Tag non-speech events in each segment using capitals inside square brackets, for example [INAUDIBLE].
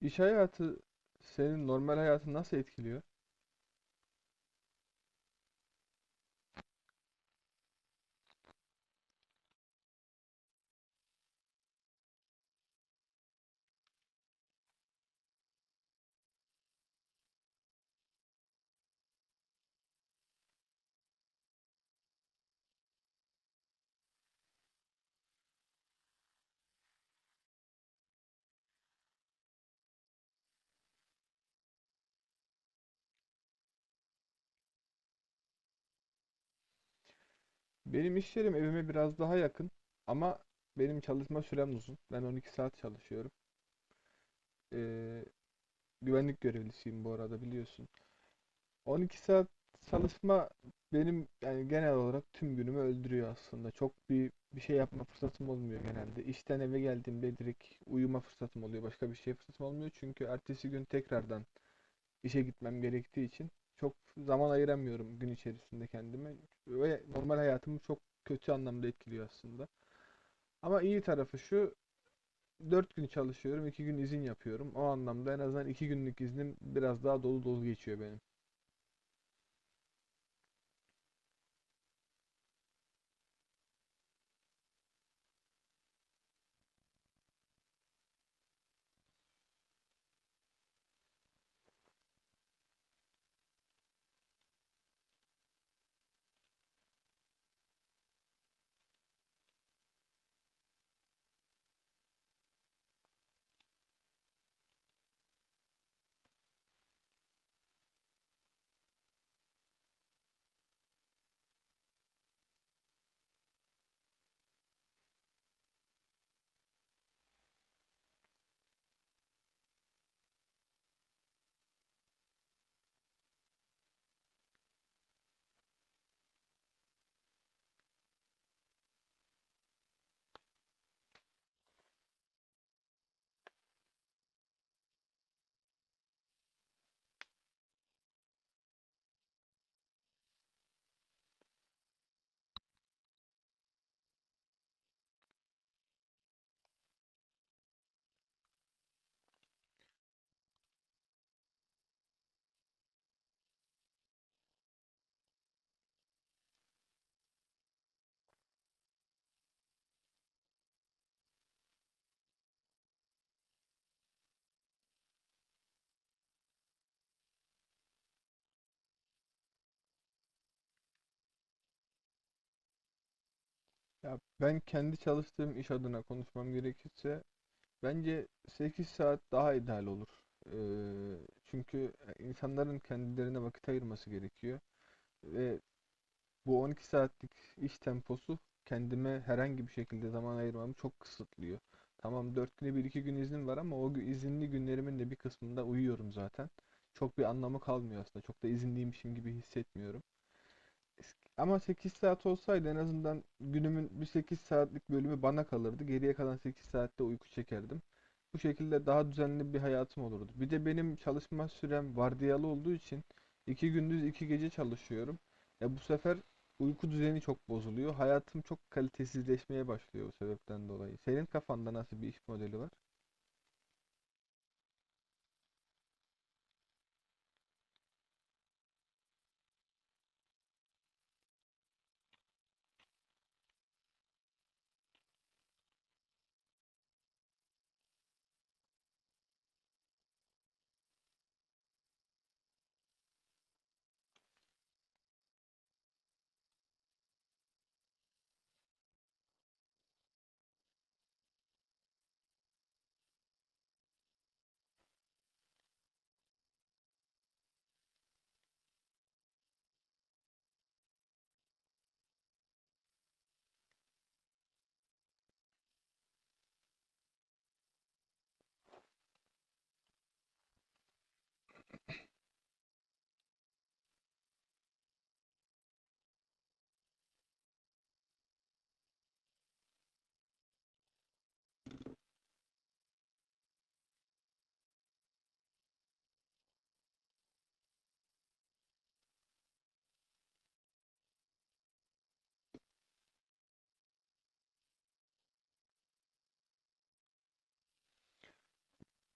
İş hayatı senin normal hayatını nasıl etkiliyor? Benim iş yerim evime biraz daha yakın ama benim çalışma sürem uzun. Ben 12 saat çalışıyorum. Ee, Güvenlik görevlisiyim bu arada biliyorsun. 12 saat çalışma benim yani genel olarak tüm günümü öldürüyor aslında. Çok bir şey yapma fırsatım olmuyor genelde. İşten eve geldiğimde direkt uyuma fırsatım oluyor. Başka bir şey fırsatım olmuyor çünkü ertesi gün tekrardan işe gitmem gerektiği için çok zaman ayıramıyorum gün içerisinde kendime ve normal hayatımı çok kötü anlamda etkiliyor aslında. Ama iyi tarafı şu, 4 gün çalışıyorum, 2 gün izin yapıyorum. O anlamda en azından 2 günlük iznim biraz daha dolu dolu geçiyor benim. Ya ben kendi çalıştığım iş adına konuşmam gerekirse bence 8 saat daha ideal olur. Ee, Çünkü insanların kendilerine vakit ayırması gerekiyor ve bu 12 saatlik iş temposu kendime herhangi bir şekilde zaman ayırmamı çok kısıtlıyor. Tamam, 4 güne bir iki gün iznim var ama izinli günlerimin de bir kısmında uyuyorum zaten. Çok bir anlamı kalmıyor aslında. Çok da izinliymişim gibi hissetmiyorum. Ama 8 saat olsaydı en azından günümün bir 8 saatlik bölümü bana kalırdı. Geriye kalan 8 saatte uyku çekerdim. Bu şekilde daha düzenli bir hayatım olurdu. Bir de benim çalışma sürem vardiyalı olduğu için 2 gündüz 2 gece çalışıyorum. E, bu sefer uyku düzeni çok bozuluyor. Hayatım çok kalitesizleşmeye başlıyor bu sebepten dolayı. Senin kafanda nasıl bir iş modeli var?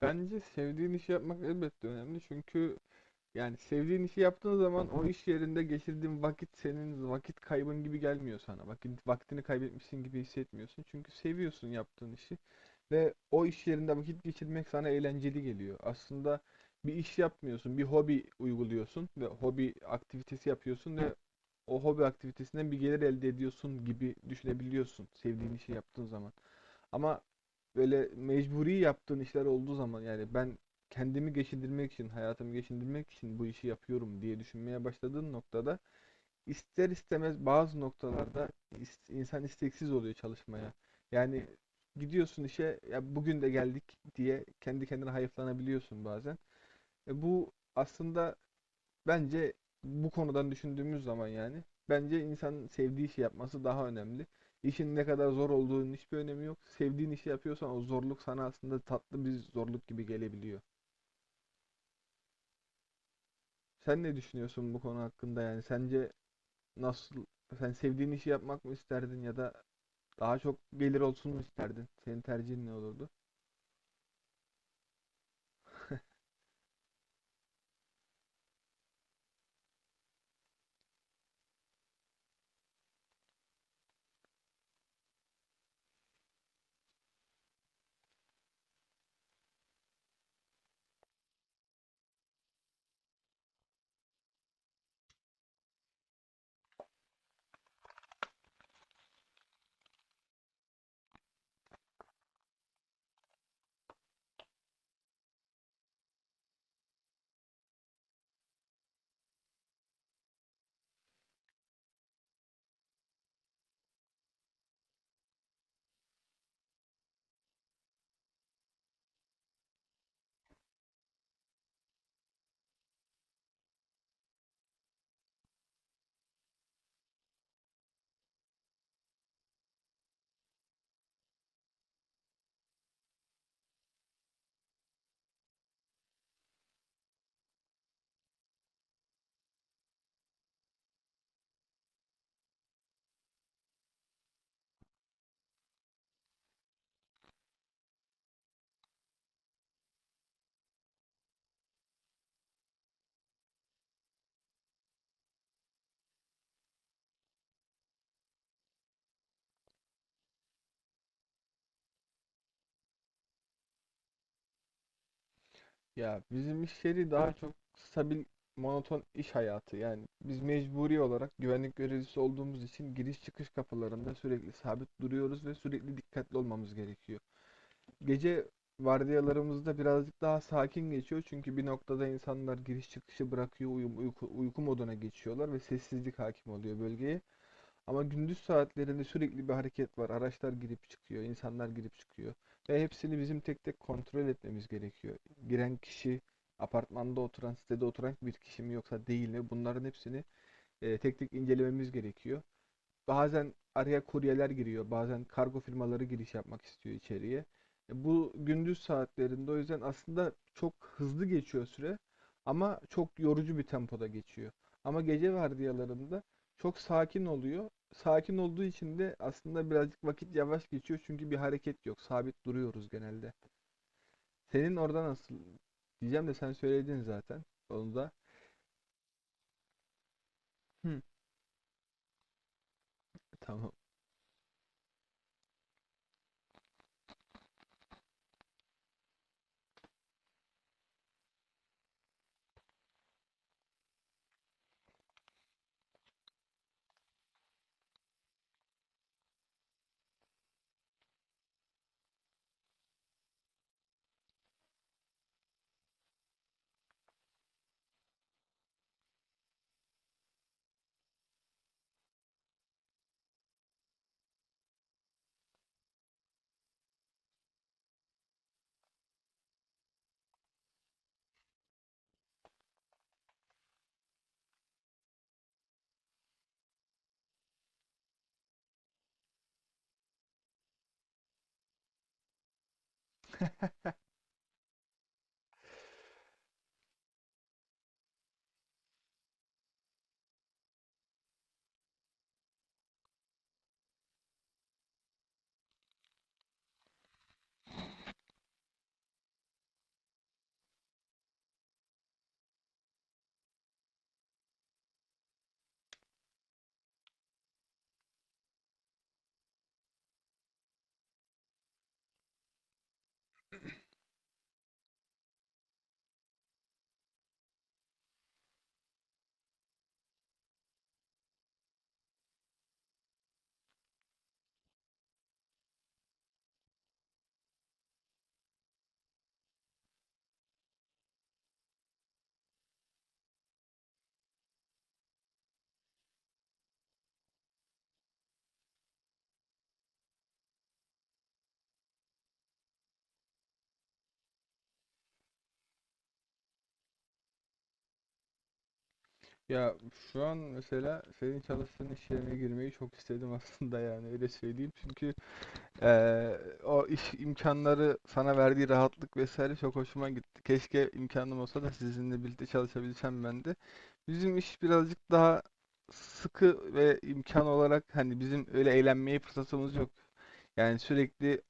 Bence sevdiğin işi yapmak elbette önemli, çünkü yani sevdiğin işi yaptığın zaman o iş yerinde geçirdiğin vakit senin vakit kaybın gibi gelmiyor sana. Vaktini kaybetmişsin gibi hissetmiyorsun. Çünkü seviyorsun yaptığın işi ve o iş yerinde vakit geçirmek sana eğlenceli geliyor. Aslında bir iş yapmıyorsun, bir hobi uyguluyorsun ve hobi aktivitesi yapıyorsun ve o hobi aktivitesinden bir gelir elde ediyorsun gibi düşünebiliyorsun sevdiğin işi yaptığın zaman. Ama böyle mecburi yaptığın işler olduğu zaman, yani ben kendimi geçindirmek için, hayatımı geçindirmek için bu işi yapıyorum diye düşünmeye başladığın noktada ister istemez bazı noktalarda insan isteksiz oluyor çalışmaya. Yani gidiyorsun işe, ya bugün de geldik diye kendi kendine hayıflanabiliyorsun bazen. E, bu aslında bence bu konudan düşündüğümüz zaman yani bence insanın sevdiği işi yapması daha önemli. İşin ne kadar zor olduğunun hiçbir önemi yok. Sevdiğin işi yapıyorsan o zorluk sana aslında tatlı bir zorluk gibi gelebiliyor. Sen ne düşünüyorsun bu konu hakkında yani? Sence nasıl, sen sevdiğin işi yapmak mı isterdin ya da daha çok gelir olsun mu isterdin? Senin tercihin ne olurdu? Ya bizim iş yeri daha çok stabil, monoton iş hayatı. Yani biz mecburi olarak güvenlik görevlisi olduğumuz için giriş çıkış kapılarında sürekli sabit duruyoruz ve sürekli dikkatli olmamız gerekiyor. Gece vardiyalarımızda birazcık daha sakin geçiyor çünkü bir noktada insanlar giriş çıkışı bırakıyor, uyku moduna geçiyorlar ve sessizlik hakim oluyor bölgeye. Ama gündüz saatlerinde sürekli bir hareket var. Araçlar girip çıkıyor, insanlar girip çıkıyor. Ve hepsini bizim tek tek kontrol etmemiz gerekiyor. Giren kişi, apartmanda oturan, sitede oturan bir kişi mi yoksa değil mi? Bunların hepsini tek tek incelememiz gerekiyor. Bazen araya kuryeler giriyor, bazen kargo firmaları giriş yapmak istiyor içeriye. Bu gündüz saatlerinde o yüzden aslında çok hızlı geçiyor süre ama çok yorucu bir tempoda geçiyor. Ama gece vardiyalarında çok sakin oluyor. Sakin olduğu için de aslında birazcık vakit yavaş geçiyor çünkü bir hareket yok. Sabit duruyoruz genelde. Senin orada nasıl diyeceğim de sen söyledin zaten. Onu da. Hı, [LAUGHS] tamam. Ya şu an mesela senin çalıştığın iş yerine girmeyi çok istedim [LAUGHS] aslında, yani öyle söyleyeyim. Çünkü o iş imkanları sana verdiği rahatlık vesaire çok hoşuma gitti. Keşke imkanım olsa da sizinle birlikte çalışabilsem ben de. Bizim iş birazcık daha sıkı ve imkan olarak hani bizim öyle eğlenmeye fırsatımız yok. Yani sürekli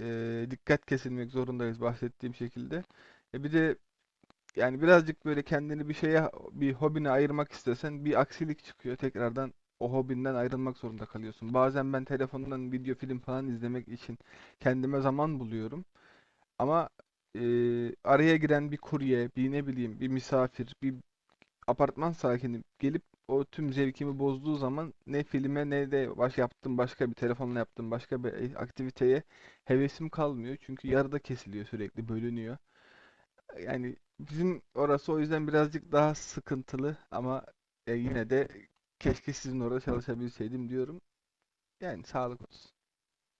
dikkat kesilmek zorundayız bahsettiğim şekilde. E, bir de yani birazcık böyle kendini bir şeye, bir hobine ayırmak istesen bir aksilik çıkıyor. Tekrardan o hobinden ayrılmak zorunda kalıyorsun. Bazen ben telefondan video film falan izlemek için kendime zaman buluyorum. Ama e, araya giren bir kurye, bir ne bileyim, bir misafir, bir apartman sakini gelip o tüm zevkimi bozduğu zaman ne filme ne de yaptığım başka bir telefonla yaptığım başka bir aktiviteye hevesim kalmıyor. Çünkü yarıda kesiliyor sürekli, bölünüyor. Yani bizim orası o yüzden birazcık daha sıkıntılı ama yine de keşke sizin orada çalışabilseydim diyorum. Yani sağlık olsun.